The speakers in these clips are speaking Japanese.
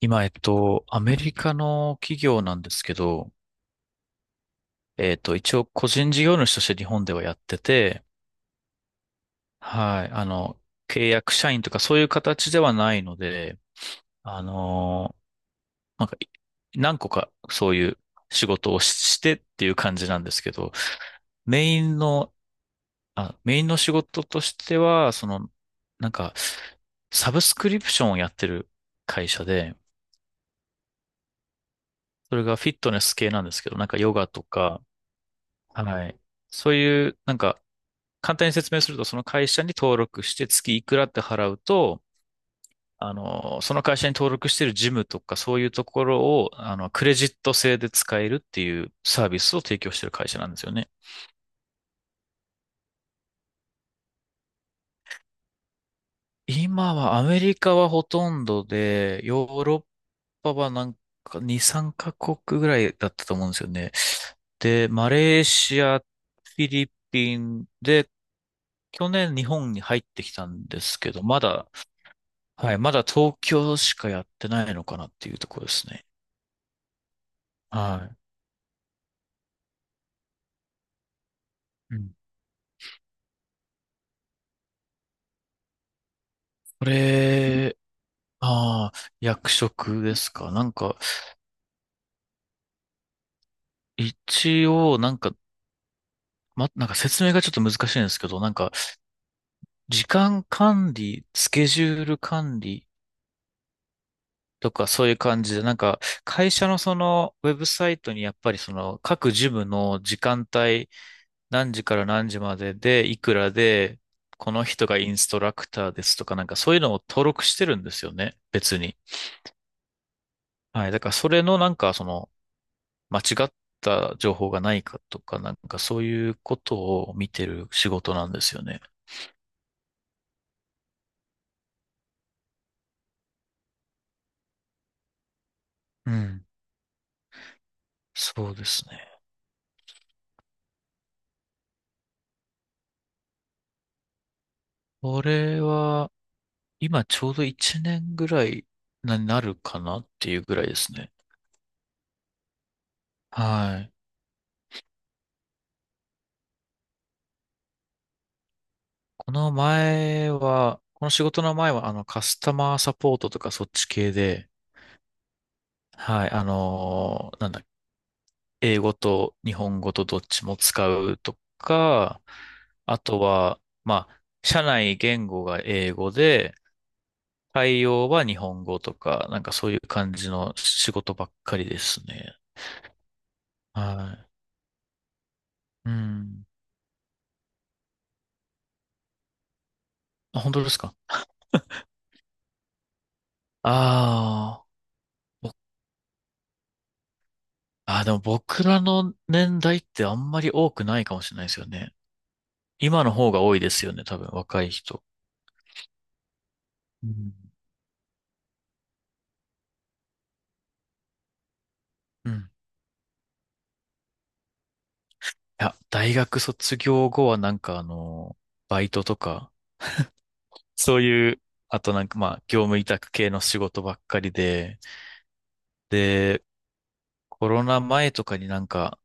今、アメリカの企業なんですけど、一応個人事業主として日本ではやってて、はい、契約社員とかそういう形ではないので、あのなんか、何個かそういう仕事をし、してっていう感じなんですけど、メインの、メインの仕事としては、その、なんか、サブスクリプションをやってる会社で、それがフィットネス系なんですけど、なんかヨガとか、はい、そういう、なんか、簡単に説明すると、その会社に登録して月いくらって払うと、その会社に登録しているジムとかそういうところを、クレジット制で使えるっていうサービスを提供している会社なんですよね。今はアメリカはほとんどで、ヨーロッパはなんか2、3カ国ぐらいだったと思うんですよね。で、マレーシア、フィリピンで、去年日本に入ってきたんですけど、まだ。はい。まだ東京しかやってないのかなっていうところですね。はい。うんこれ、ああ、役職ですか？なんか、一応、なんか、なんか説明がちょっと難しいんですけど、なんか、時間管理、スケジュール管理とかそういう感じで、なんか、会社のその、ウェブサイトにやっぱりその、各事務の時間帯何時から何時までで、いくらで、この人がインストラクターですとか、なんかそういうのを登録してるんですよね、別に。はい。だからそれのなんかその、間違った情報がないかとか、なんかそういうことを見てる仕事なんですよね。うん。そうですね。これは、今ちょうど1年ぐらいになるかなっていうぐらいですね。はい。この仕事の前は、カスタマーサポートとかそっち系で、はい、あのーなんだ、英語と日本語とどっちも使うとか、あとは、まあ、社内言語が英語で、対応は日本語とか、なんかそういう感じの仕事ばっかりですね。はい。うん。あ、本当ですか？ああ、ぼあー、でも僕らの年代ってあんまり多くないかもしれないですよね。今の方が多いですよね、多分、若い人。うん。うんいや、大学卒業後はなんかバイトとか、そういう、あとなんか業務委託系の仕事ばっかりで、で、コロナ前とかになんか、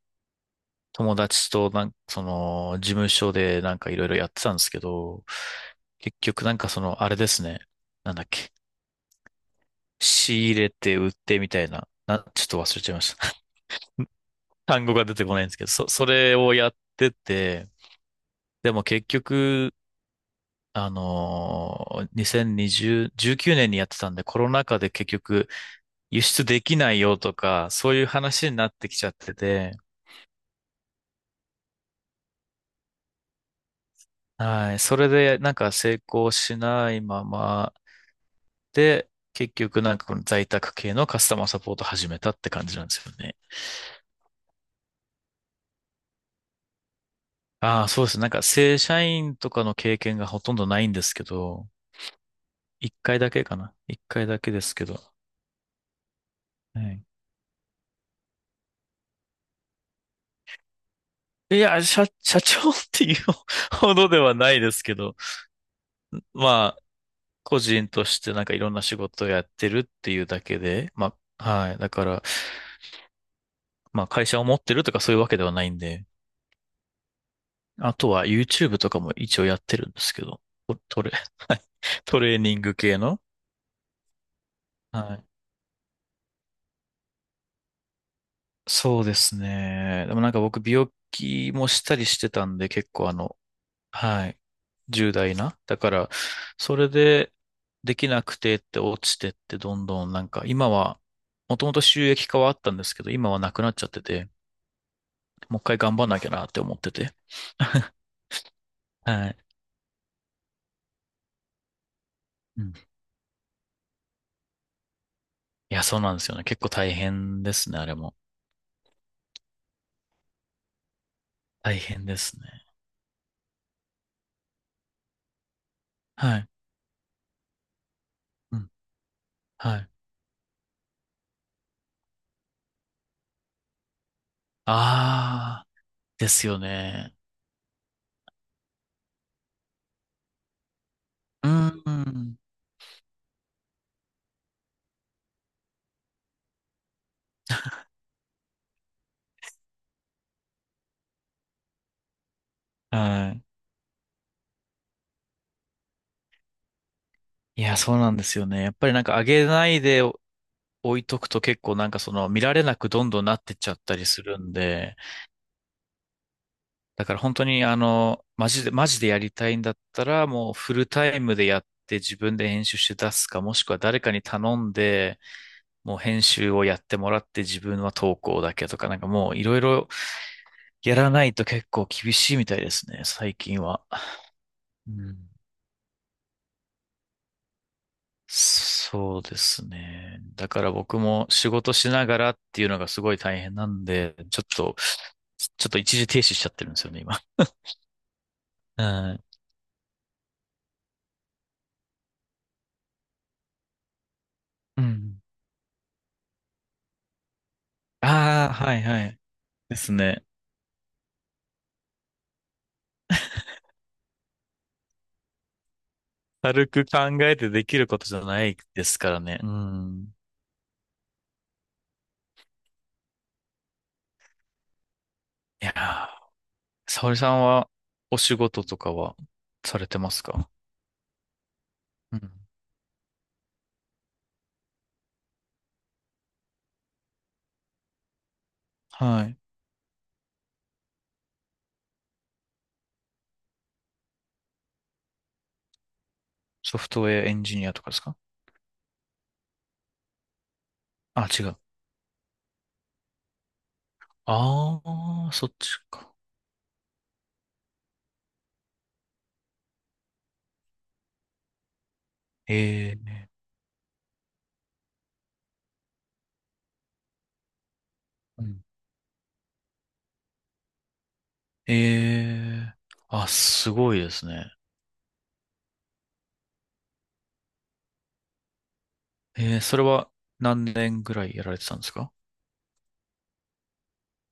友達となんか、その、事務所でなんかいろいろやってたんですけど、結局なんかその、あれですね。なんだっけ。仕入れて売ってみたいな。ちょっと忘れちゃいました。単語が出てこないんですけど、それをやってて、でも結局、2020、19年にやってたんで、コロナ禍で結局輸出できないよとか、そういう話になってきちゃってて、はい。それでなんか成功しないままで、結局なんかこの在宅系のカスタマーサポート始めたって感じなんですよね。ああ、そうですね。なんか正社員とかの経験がほとんどないんですけど、一回だけかな。一回だけですけど。はい。いや、社長っていうほどではないですけど、ま個人としてなんかいろんな仕事をやってるっていうだけで、まあ、はい。だから、まあ会社を持ってるとかそういうわけではないんで、あとは YouTube とかも一応やってるんですけど、トトレ、トレーニング系の。はい。そうですね。でもなんか僕病気もしたりしてたんで結構はい。重大な。だから、それでできなくてって落ちてってどんどんなんか今は、もともと収益化はあったんですけど、今はなくなっちゃってて、もう一回頑張んなきゃなって思ってて。はい。うんいや、そうなんですよね。結構大変ですね、あれも。大変ですね。はい。うん。はい。ああ、ですよね。うん。はい。いや、そうなんですよね。やっぱりなんか上げないで置いとくと結構なんかその見られなくどんどんなってっちゃったりするんで、だから本当にマジで、マジでやりたいんだったら、もうフルタイムでやって自分で編集して出すか、もしくは誰かに頼んで、もう編集をやってもらって自分は投稿だけとか、なんかもういろいろやらないと結構厳しいみたいですね、最近は。うん、そうですね。だから僕も仕事しながらっていうのがすごい大変なんで、ちょっと、ちょっと一時停止しちゃってるんですよね、今。うん。うん。ああ、はいはい。ですね。軽く考えてできることじゃないですからね。うん。いやー、沙織さんはお仕事とかはされてますか？うん。はい。ソフトウェアエンジニアとかですか？あ、違う。ああ、そっちか。ええ。うん。ええ。あ、すごいですね。ええ。それは何年ぐらいやられてたんですか？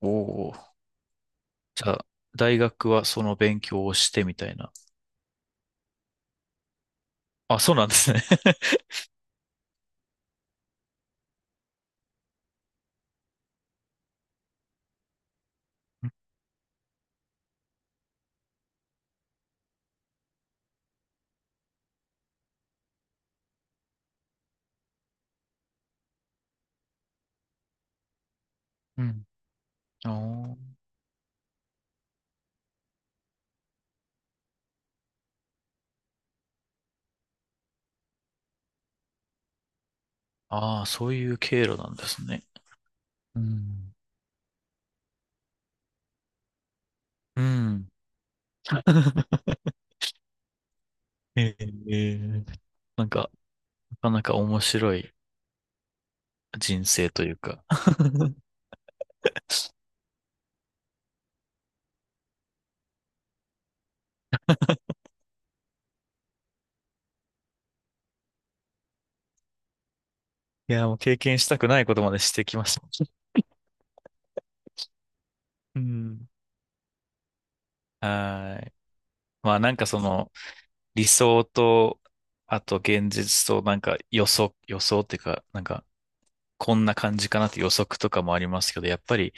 お。おー。じゃあ、大学はその勉強をしてみたいな。あ、そうなんですね。うん。あー。ああ、そういう経路なんですね。うん。うん。ええ。なんか、なかなか面白い人生というか いや、もう経験したくないことまでしてきました。うん。はーい。まあなんかその理想と、あと現実となんか予想っていうか、なんかこんな感じかなって予測とかもありますけど、やっぱり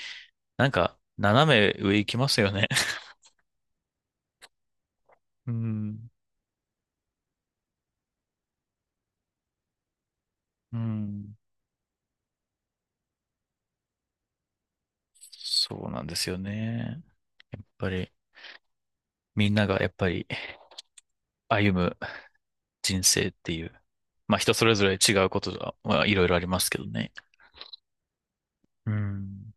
なんか斜め上行きますよね。うん。うん。そうなんですよね。やっぱり、みんながやっぱり歩む人生っていう、まあ人それぞれ違うことが、まあいろいろありますけどね。うん。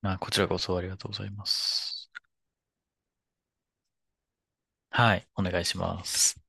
まあこちらこそありがとうございます。はい、お願いします。